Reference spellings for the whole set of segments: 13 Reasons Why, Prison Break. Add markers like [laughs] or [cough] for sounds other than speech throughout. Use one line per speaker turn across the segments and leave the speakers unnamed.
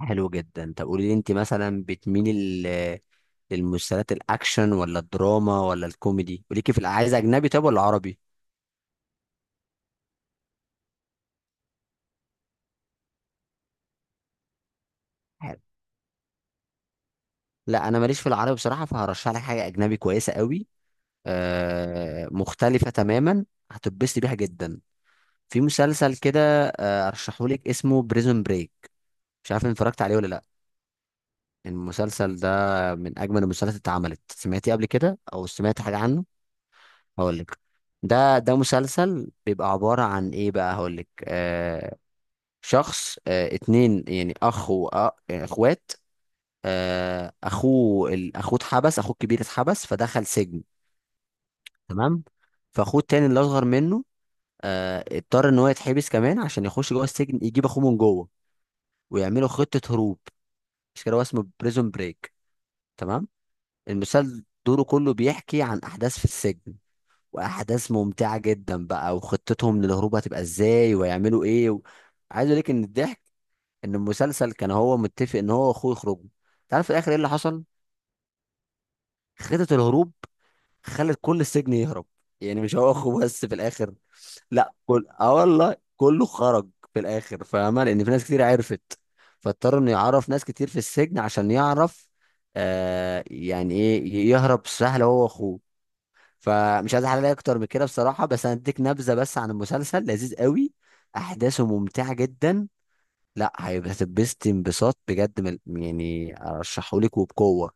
حلو جدا. طب قولي لي انت مثلا بتميلي لل- للمسلسلات الاكشن ولا الدراما ولا الكوميدي؟ قوليكي في عايز اجنبي طب ولا عربي؟ حلو. لا انا ماليش في العربي بصراحه، فهرشح لك حاجه اجنبي كويسه قوي، آه مختلفه تماما، هتتبسطي بيها جدا. في مسلسل كده، آه، ارشحه لك اسمه بريزون بريك. مش عارف ان اتفرجت عليه ولا لا. المسلسل ده من اجمل المسلسلات اللي اتعملت. سمعتي قبل كده او سمعت حاجه عنه؟ هقولك. ده مسلسل بيبقى عبارة عن ايه بقى؟ هقولك. آه، شخص، آه، اتنين يعني اخ واخوات. آه، اخوه اتحبس، اخوه الكبير اتحبس فدخل سجن. تمام. فاخوه التاني اللي اصغر منه، آه، اضطر ان هو يتحبس كمان عشان يخش جوه السجن يجيب اخوه من جوه، ويعملوا خطة هروب. مش كده هو اسمه بريزون بريك؟ تمام. المسلسل دوره كله بيحكي عن احداث في السجن، واحداث ممتعه جدا بقى، وخطتهم للهروب هتبقى ازاي ويعملوا ايه و... عايز اقول لك ان الضحك ان المسلسل كان هو متفق ان هو واخوه يخرجوا. تعرف في الاخر ايه اللي حصل؟ خطه الهروب خلت كل السجن يهرب، يعني مش هو اخوه بس في الاخر. لا كل، اه والله كله خرج في الاخر، فاهمه؟ لان في ناس كتير عرفت، فاضطر انه يعرف ناس كتير في السجن عشان يعرف، آه، يعني ايه يهرب سهل هو واخوه. فمش عايز احلل اكتر من كده بصراحه، بس هديك نبذه بس عن المسلسل. لذيذ قوي، احداثه ممتعه جدا. لا هيبقى، هتتبسط انبساط بجد. يعني ارشحهولك وبقوه.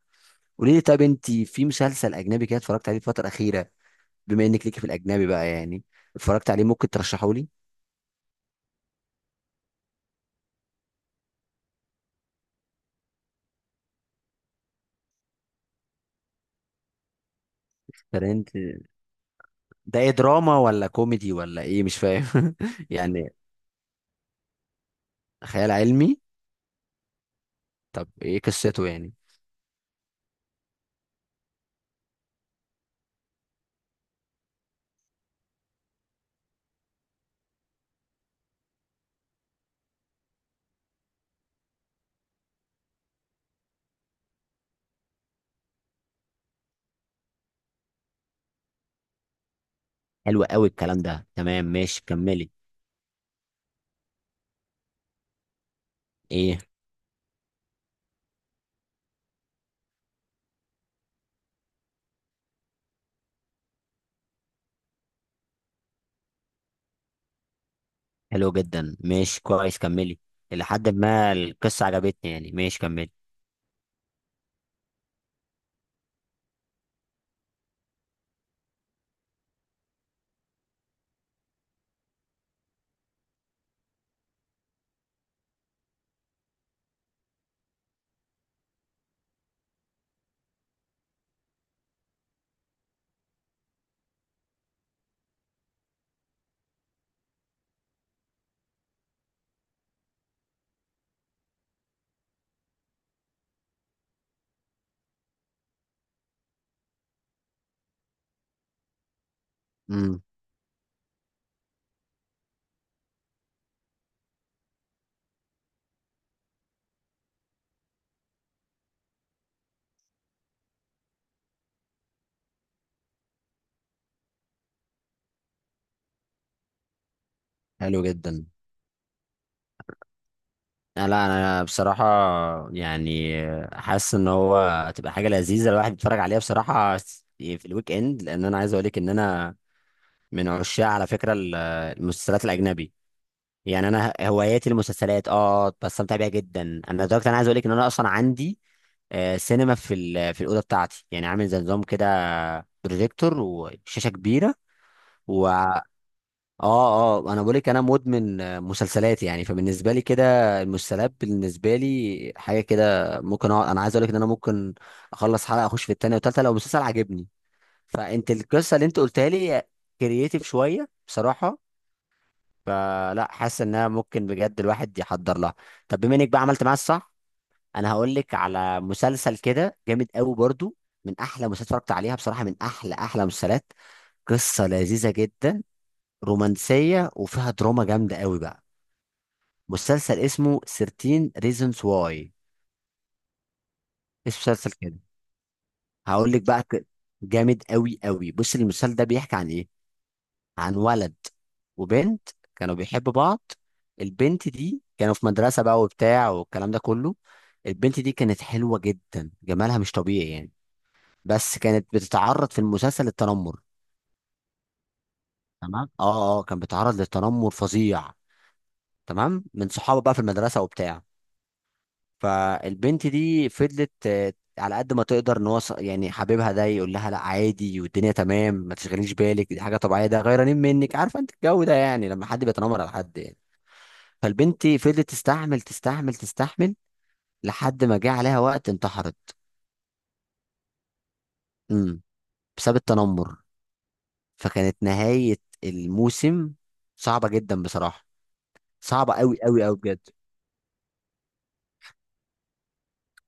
قولي لي، طب انت في مسلسل اجنبي كده اتفرجت عليه الفتره الاخيره، بما انك ليكي في الاجنبي بقى يعني، اتفرجت عليه ممكن ترشحهولي؟ ترند. ده ايه، دراما ولا كوميدي ولا ايه؟ مش فاهم [laughs] يعني. خيال علمي؟ طب ايه قصته يعني؟ حلو قوي الكلام ده، تمام ماشي كملي. ايه؟ حلو جدا، ماشي كويس، كملي. الى حد ما القصه عجبتني يعني، ماشي كملي. امم. حلو جدا. لا انا بصراحه يعني حاسس ان هو هتبقى حاجه لذيذه الواحد يتفرج عليها بصراحه في الويك اند، لان انا عايز اقول لك ان انا من عشاق على فكره المسلسلات الاجنبي. يعني انا هواياتي المسلسلات، اه بستمتع بيها جدا انا، لدرجه انا عايز اقول لك ان انا اصلا عندي، سينما في في الاوضه بتاعتي، يعني عامل زي نظام كده، بروجيكتور وشاشه كبيره. اه اه، انا بقول لك انا مدمن مسلسلات يعني. فبالنسبه لي كده المسلسلات بالنسبه لي حاجه كده ممكن أقعد. انا عايز اقول لك ان انا ممكن اخلص حلقه اخش في التانيه والتالته لو المسلسل عجبني. فانت القصه اللي انت قلتها لي كرييتيف شويه بصراحه. فلا، حاسس انها ممكن بجد الواحد يحضر لها. طب بما انك بقى عملت معايا الصح، انا هقول لك على مسلسل كده جامد قوي برضو، من احلى مسلسلات اتفرجت عليها بصراحه، من احلى احلى مسلسلات. قصه لذيذه جدا رومانسيه وفيها دراما جامده قوي بقى. مسلسل اسمه 13 reasons why. اسم مسلسل كده. هقول لك بقى، جامد قوي قوي. بص المسلسل ده بيحكي عن ايه؟ عن ولد وبنت كانوا بيحبوا بعض. البنت دي كانوا في مدرسة بقى وبتاع والكلام ده كله. البنت دي كانت حلوة جدا، جمالها مش طبيعي يعني، بس كانت بتتعرض في المسلسل للتنمر. تمام، اه اه، كان بيتعرض للتنمر فظيع. تمام، من صحابه بقى في المدرسة وبتاع. فالبنت دي فضلت، على قد ما تقدر ان هو يعني حبيبها ده يقول لها لا عادي والدنيا تمام، ما تشغليش بالك دي حاجه طبيعيه، ده غيرانين منك، عارفه انت الجو ده يعني لما حد بيتنمر على حد يعني. فالبنت فضلت تستحمل تستحمل تستحمل لحد ما جه عليها وقت انتحرت. امم. بسبب التنمر. فكانت نهايه الموسم صعبه جدا بصراحه، صعبه قوي قوي قوي بجد.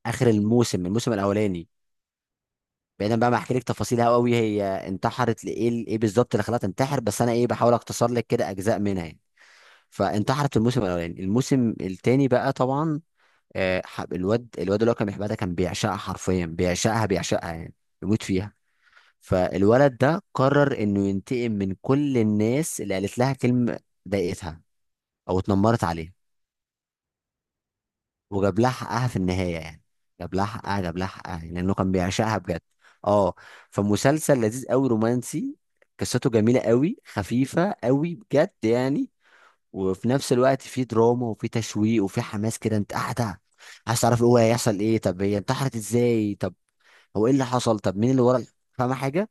اخر الموسم، الموسم الاولاني. بعيدا بقى ما احكي لك تفاصيلها قوي هي انتحرت لايه، ايه بالظبط اللي خلاها تنتحر، بس انا ايه بحاول اختصر لك كده اجزاء منها يعني. فانتحرت في الموسم الاولاني. الموسم التاني بقى طبعا، الواد اللي هو كان بيحبها ده كان بيعشقها، حرفيا بيعشقها بيعشقها يعني، بيموت فيها. فالولد ده قرر انه ينتقم من كل الناس اللي قالت لها كلمه ضايقتها او اتنمرت عليها، وجاب لها حقها في النهاية يعني. جاب لها حقها، جاب لها حقها، يعني لأنه كان بيعشقها بجد. اه. فمسلسل لذيذ قوي رومانسي، قصته جميلة قوي، خفيفة قوي بجد يعني، وفي نفس الوقت في دراما وفي تشويق وفي حماس كده. انت قاعدة عايز تعرف الاول هيحصل ايه، طب هي انتحرت ازاي، طب هو ايه اللي حصل، طب مين اللي ورا. فاهمة حاجة؟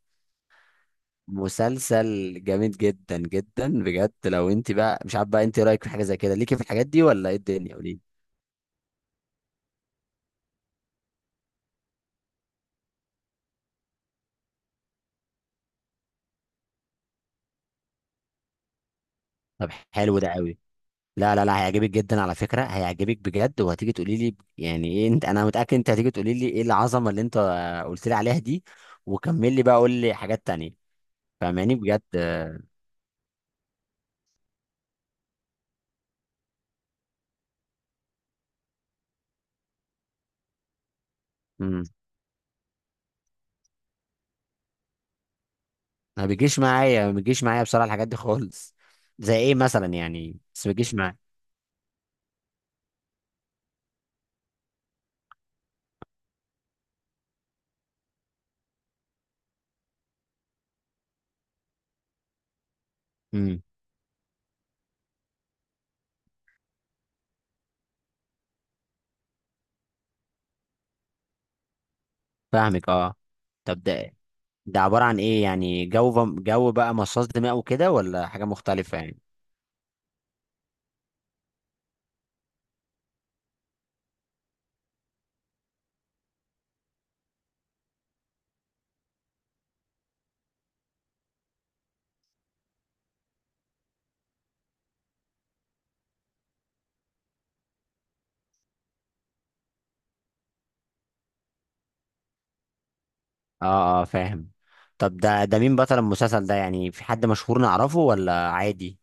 مسلسل جامد جدا جدا بجد. لو انت بقى مش عارف بقى انت رايك في حاجة زي كده، ليكي في الحاجات دي ولا ايه الدنيا؟ قولي. طب حلو ده قوي. لا لا لا، هيعجبك جدا على فكرة، هيعجبك بجد، وهتيجي تقولي لي يعني ايه، انت، انا متأكد انت هتيجي تقولي لي ايه العظمة اللي انت، قلت لي عليها دي. وكمل لي بقى، قول لي حاجات تانية. فاهماني بجد. امم. ما بيجيش معايا بصراحة الحاجات دي خالص. زي ايه مثلا يعني؟ بس ما بيجيش معايا. امم. فاهمك اه. طب ده، ده عبارة عن ايه يعني؟ جو جو بقى مصاص دماء وكده، ولا حاجة مختلفة يعني؟ اه اه، فاهم. طب ده مين بطل المسلسل ده يعني؟ في حد مشهور نعرفه ولا عادي؟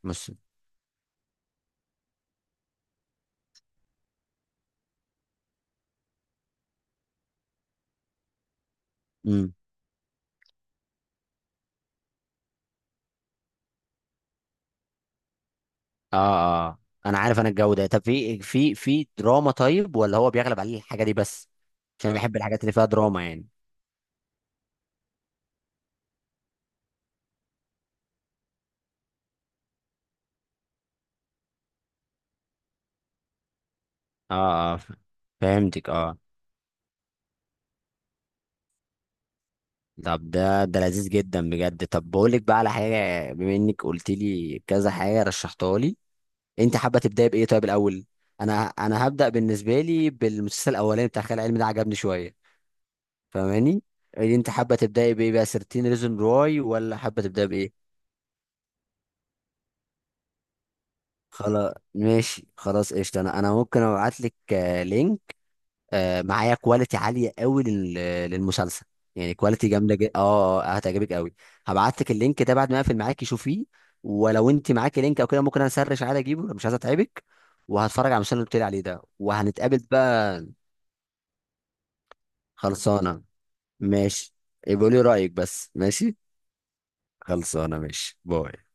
امم. اه اه، آه. انا عارف انا الجو ده. طب في في دراما طيب ولا هو بيغلب عليه الحاجه دي بس؟ عشان لا بحب الحاجات اللي فيها دراما يعني. اه اه، فهمتك اه. طب ده، ده لذيذ جدا بجد. طب بقول لك بقى على حاجه، بما انك قلت لي كذا حاجه رشحتها لي، انت حابه تبداي بايه طيب الاول؟ انا هبدا، بالنسبه لي، بالمسلسل الاولاني بتاع خيال علمي ده عجبني شويه. فاهماني؟ يعني انت حابه تبداي بايه بقى، 13 ريزون راي، ولا حابه تبداي بايه؟ خلاص ماشي، خلاص قشطة. انا ممكن ابعت لك، لينك، معايا كواليتي عالية قوي للمسلسل، يعني كواليتي جامدة جدا اه، هتعجبك قوي. هبعت لك اللينك ده بعد ما اقفل معاكي شوفيه. ولو انت معاكي لينك او كده ممكن انا اسرش عادي اجيبه لو مش عايز اتعبك. وهتفرج على المسلسل اللي قلت لي عليه ده، وهنتقابل بقى. خلصانة ماشي، يبقى لي رأيك بس ماشي. خلصانة ماشي، باي.